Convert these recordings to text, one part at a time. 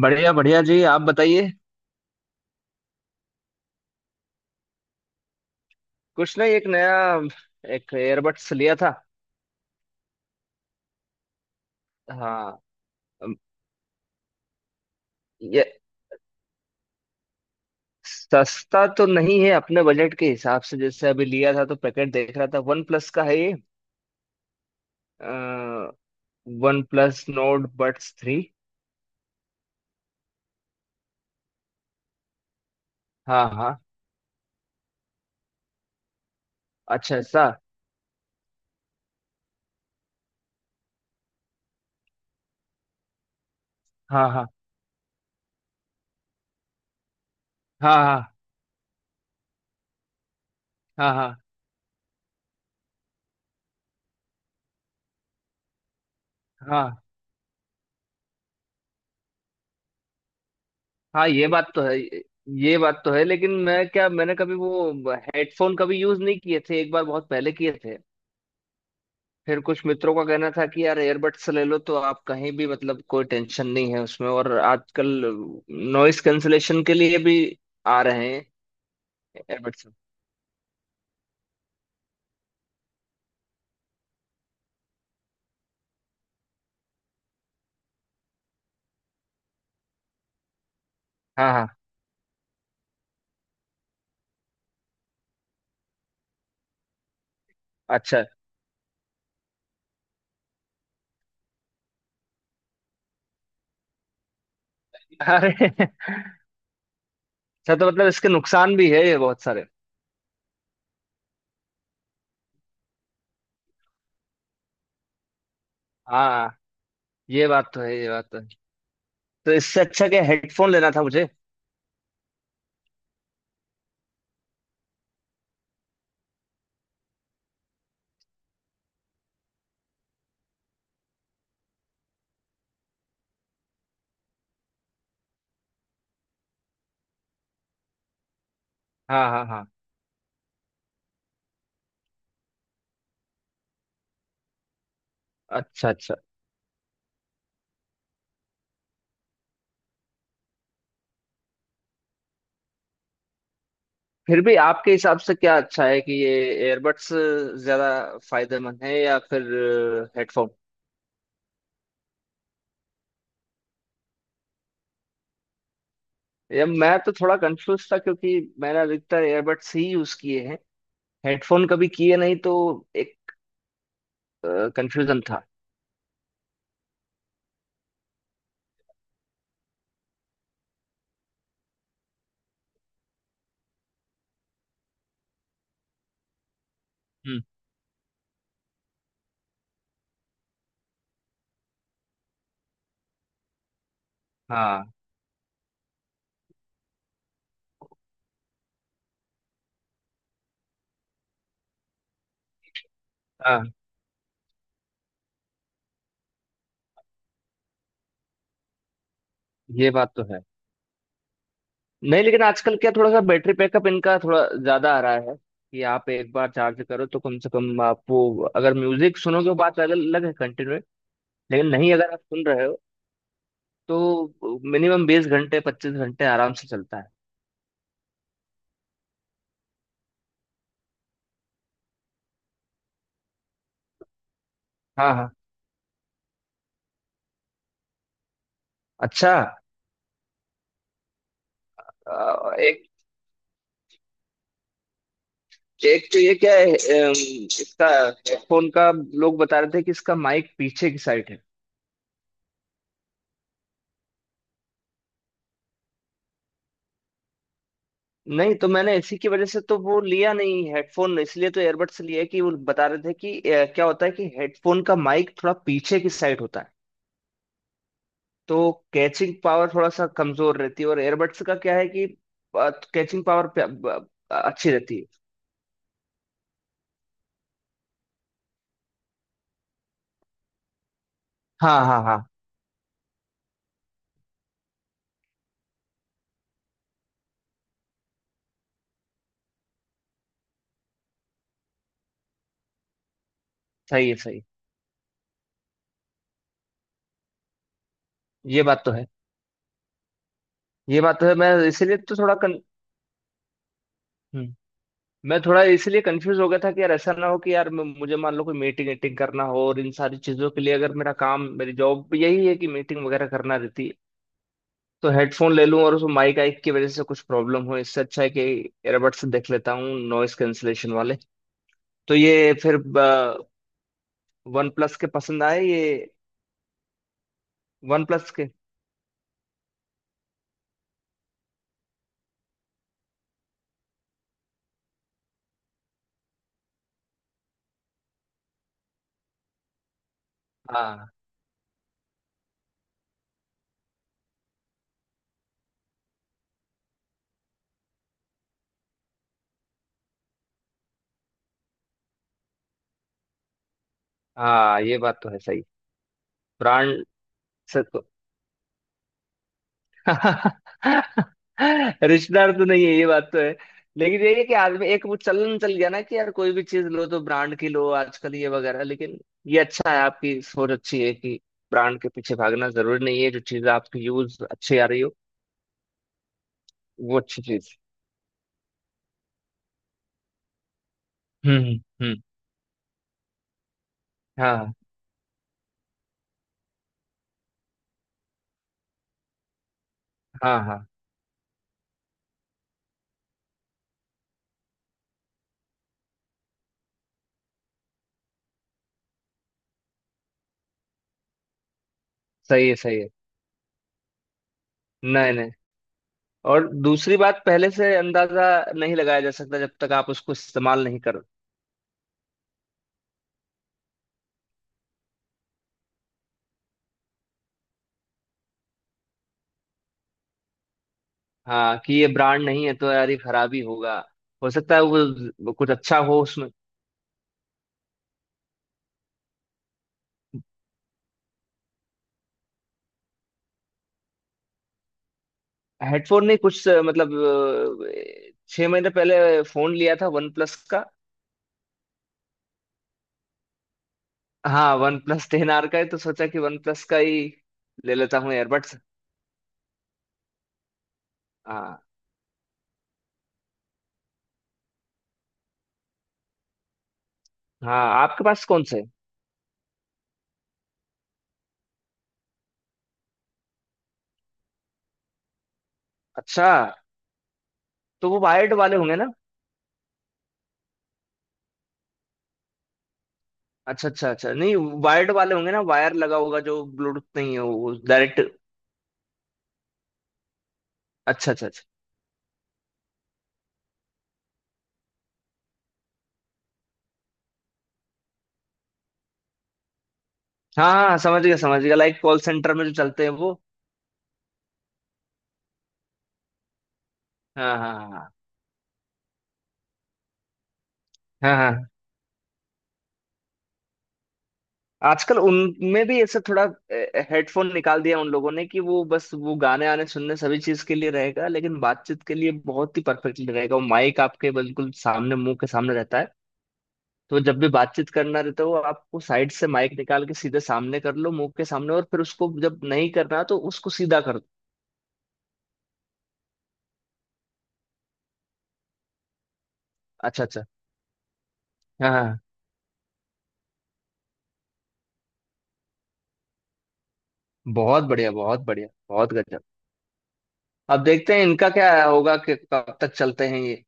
बढ़िया बढ़िया जी, आप बताइए। कुछ नहीं, एक एयरबड्स लिया था। हाँ। अम, ये सस्ता तो नहीं है, अपने बजट के हिसाब से। जैसे अभी लिया था तो पैकेट देख रहा था, वन प्लस का है ये। One Plus Nord buds 3। हाँ हाँ। अच्छा, ऐसा? हाँ हाँ। हाँ हाँ। हाँ हाँ। हाँ हाँ। ये बात तो है। ये बात तो है, लेकिन मैंने कभी वो हेडफोन कभी यूज नहीं किए थे, एक बार बहुत पहले किए थे। फिर कुछ मित्रों का कहना था कि यार, एयरबड्स ले लो, तो आप कहीं भी, मतलब कोई टेंशन नहीं है उसमें। और आजकल नॉइस कैंसलेशन के लिए भी आ रहे हैं एयरबड्स। हाँ हाँ। अच्छा। अरे अच्छा, तो मतलब इसके नुकसान भी है ये बहुत सारे। हाँ। ये बात तो है, ये बात तो है। तो इससे अच्छा क्या हेडफोन लेना था मुझे? हाँ हाँ हाँ। अच्छा अच्छा। फिर भी आपके हिसाब से क्या अच्छा है कि ये एयरबड्स ज्यादा फायदेमंद है या फिर हेडफोन? ये मैं तो थोड़ा कंफ्यूज था, क्योंकि मैंने अधिकतर एयरबड्स ही यूज किए हैं, हेडफोन कभी किए नहीं, तो एक कंफ्यूजन था। हम्म। हाँ हाँ। ये बात तो है। नहीं, लेकिन आजकल क्या, थोड़ा सा बैटरी बैकअप इनका थोड़ा ज्यादा आ रहा है, कि आप एक बार चार्ज करो तो कम से कम आप वो, अगर म्यूजिक सुनोगे वो बात अलग अलग है, कंटिन्यू। लेकिन नहीं, अगर आप सुन रहे हो तो मिनिमम 20 घंटे 25 घंटे आराम से चलता है। हाँ हाँ। अच्छा। एक, एक तो ये क्या है, इसका हेडफोन का, लोग बता रहे थे कि इसका माइक पीछे की साइड है। नहीं, तो मैंने इसी की वजह से तो वो लिया नहीं हेडफोन। इसलिए तो एयरबड्स लिया। कि वो बता रहे थे कि क्या होता है कि हेडफोन का माइक थोड़ा पीछे की साइड होता है, तो कैचिंग पावर थोड़ा सा कमजोर रहती है। और एयरबड्स का क्या है कि कैचिंग पावर अच्छी रहती है। हाँ हाँ हाँ। सही है, सही है। ये बात तो है। ये बात तो है। मैं इसीलिए तो थोड़ा कन... हम्म। मैं थोड़ा इसलिए कंफ्यूज हो गया था कि यार, ऐसा ना हो कि यार, मुझे, मान लो, कोई मीटिंग वीटिंग करना हो, और इन सारी चीजों के लिए, अगर मेरा काम, मेरी जॉब यही है कि मीटिंग वगैरह करना रहती है, तो हेडफोन ले लूं और उसमें माइक आइक की वजह से कुछ प्रॉब्लम हो। इससे अच्छा है कि एयरबड्स देख लेता हूँ नॉइस कैंसलेशन वाले। तो ये फिर वन प्लस के पसंद आए ये, वन प्लस के। हाँ हाँ। ये बात तो है, सही। ब्रांड से तो रिश्तेदार तो नहीं है। ये बात तो है। लेकिन ये है कि आदमी, एक वो चलन चल गया ना, कि यार कोई भी चीज लो तो ब्रांड की लो आजकल, ये वगैरह। लेकिन ये अच्छा है, आपकी सोच अच्छी है, कि ब्रांड के पीछे भागना जरूरी नहीं है, जो चीज आपकी यूज अच्छी आ रही हो, वो अच्छी चीज। हम्म। हम्म। हाँ। हाँ हाँ। सही है, सही है। नहीं नहीं, और दूसरी बात, पहले से अंदाजा नहीं लगाया जा सकता जब तक आप उसको इस्तेमाल नहीं कर। हाँ, कि ये ब्रांड नहीं है तो यार ये खराब ही होगा। हो सकता है वो कुछ अच्छा हो उसमें। हेडफोन नहीं, कुछ मतलब 6 महीने पहले फोन लिया था, वन प्लस का। हाँ, वन प्लस 10 आर का है, तो सोचा कि वन प्लस का ही ले लेता हूँ एयरबड्स। हाँ हाँ। आपके पास कौन से हैं? अच्छा, तो वो वायर्ड वाले होंगे ना? अच्छा अच्छा अच्छा। नहीं, वायर्ड वाले होंगे ना, वायर लगा होगा, जो ब्लूटूथ नहीं है, वो डायरेक्ट। अच्छा अच्छा अच्छा। हाँ हाँ, समझ गया समझ गया, लाइक कॉल सेंटर में जो चलते हैं वो। हाँ हाँ। हाँ हाँ। हाँ हाँ। आजकल उनमें भी ऐसा थोड़ा हेडफोन निकाल दिया उन लोगों ने, कि वो बस वो गाने आने सुनने सभी चीज के लिए रहेगा, लेकिन बातचीत के लिए बहुत ही परफेक्टली रहेगा, वो माइक आपके बिल्कुल सामने, मुंह के सामने रहता है। तो जब भी बातचीत करना रहता है, वो आपको साइड से माइक निकाल के सीधे सामने कर लो, मुंह के सामने। और फिर उसको जब नहीं करना तो उसको सीधा कर दो। अच्छा अच्छा। हाँ हाँ। बहुत बढ़िया, बहुत बढ़िया, बहुत गजब। अब देखते हैं इनका क्या होगा, कि कब तक चलते हैं ये।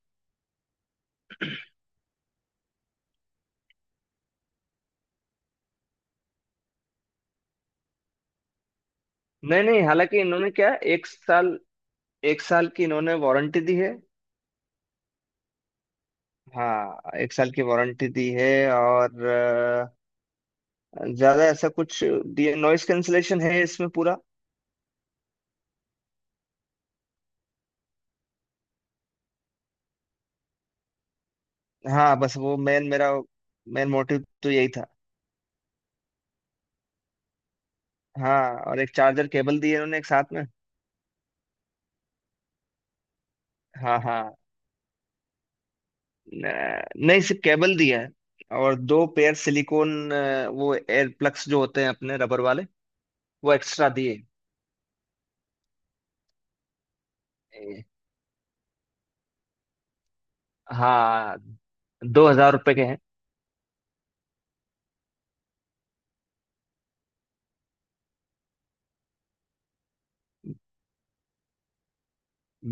नहीं नहीं, हालांकि इन्होंने क्या, एक साल की इन्होंने वारंटी दी है। हाँ, एक साल की वारंटी दी है। और ज्यादा ऐसा कुछ दिया, नॉइस कैंसलेशन है इसमें पूरा। हाँ, बस वो मेन मोटिव तो यही था। हाँ। और एक चार्जर केबल दिए उन्होंने एक साथ में। हाँ हाँ। नहीं, सिर्फ केबल दिया है। और दो पेयर सिलिकॉन, वो एयर प्लग्स जो होते हैं अपने रबर वाले, वो एक्स्ट्रा दिए। ए, हाँ। 2000 रुपए के हैं।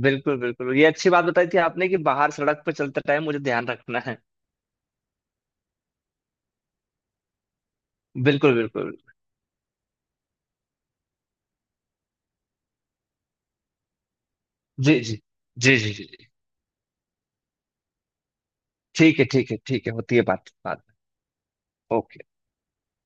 बिल्कुल बिल्कुल। ये अच्छी बात बताई थी आपने, कि बाहर सड़क पर चलते टाइम मुझे ध्यान रखना है। बिल्कुल बिल्कुल। जी जी। जी जी जी जी। ठीक है ठीक है ठीक है, होती है बात बाद में। ओके।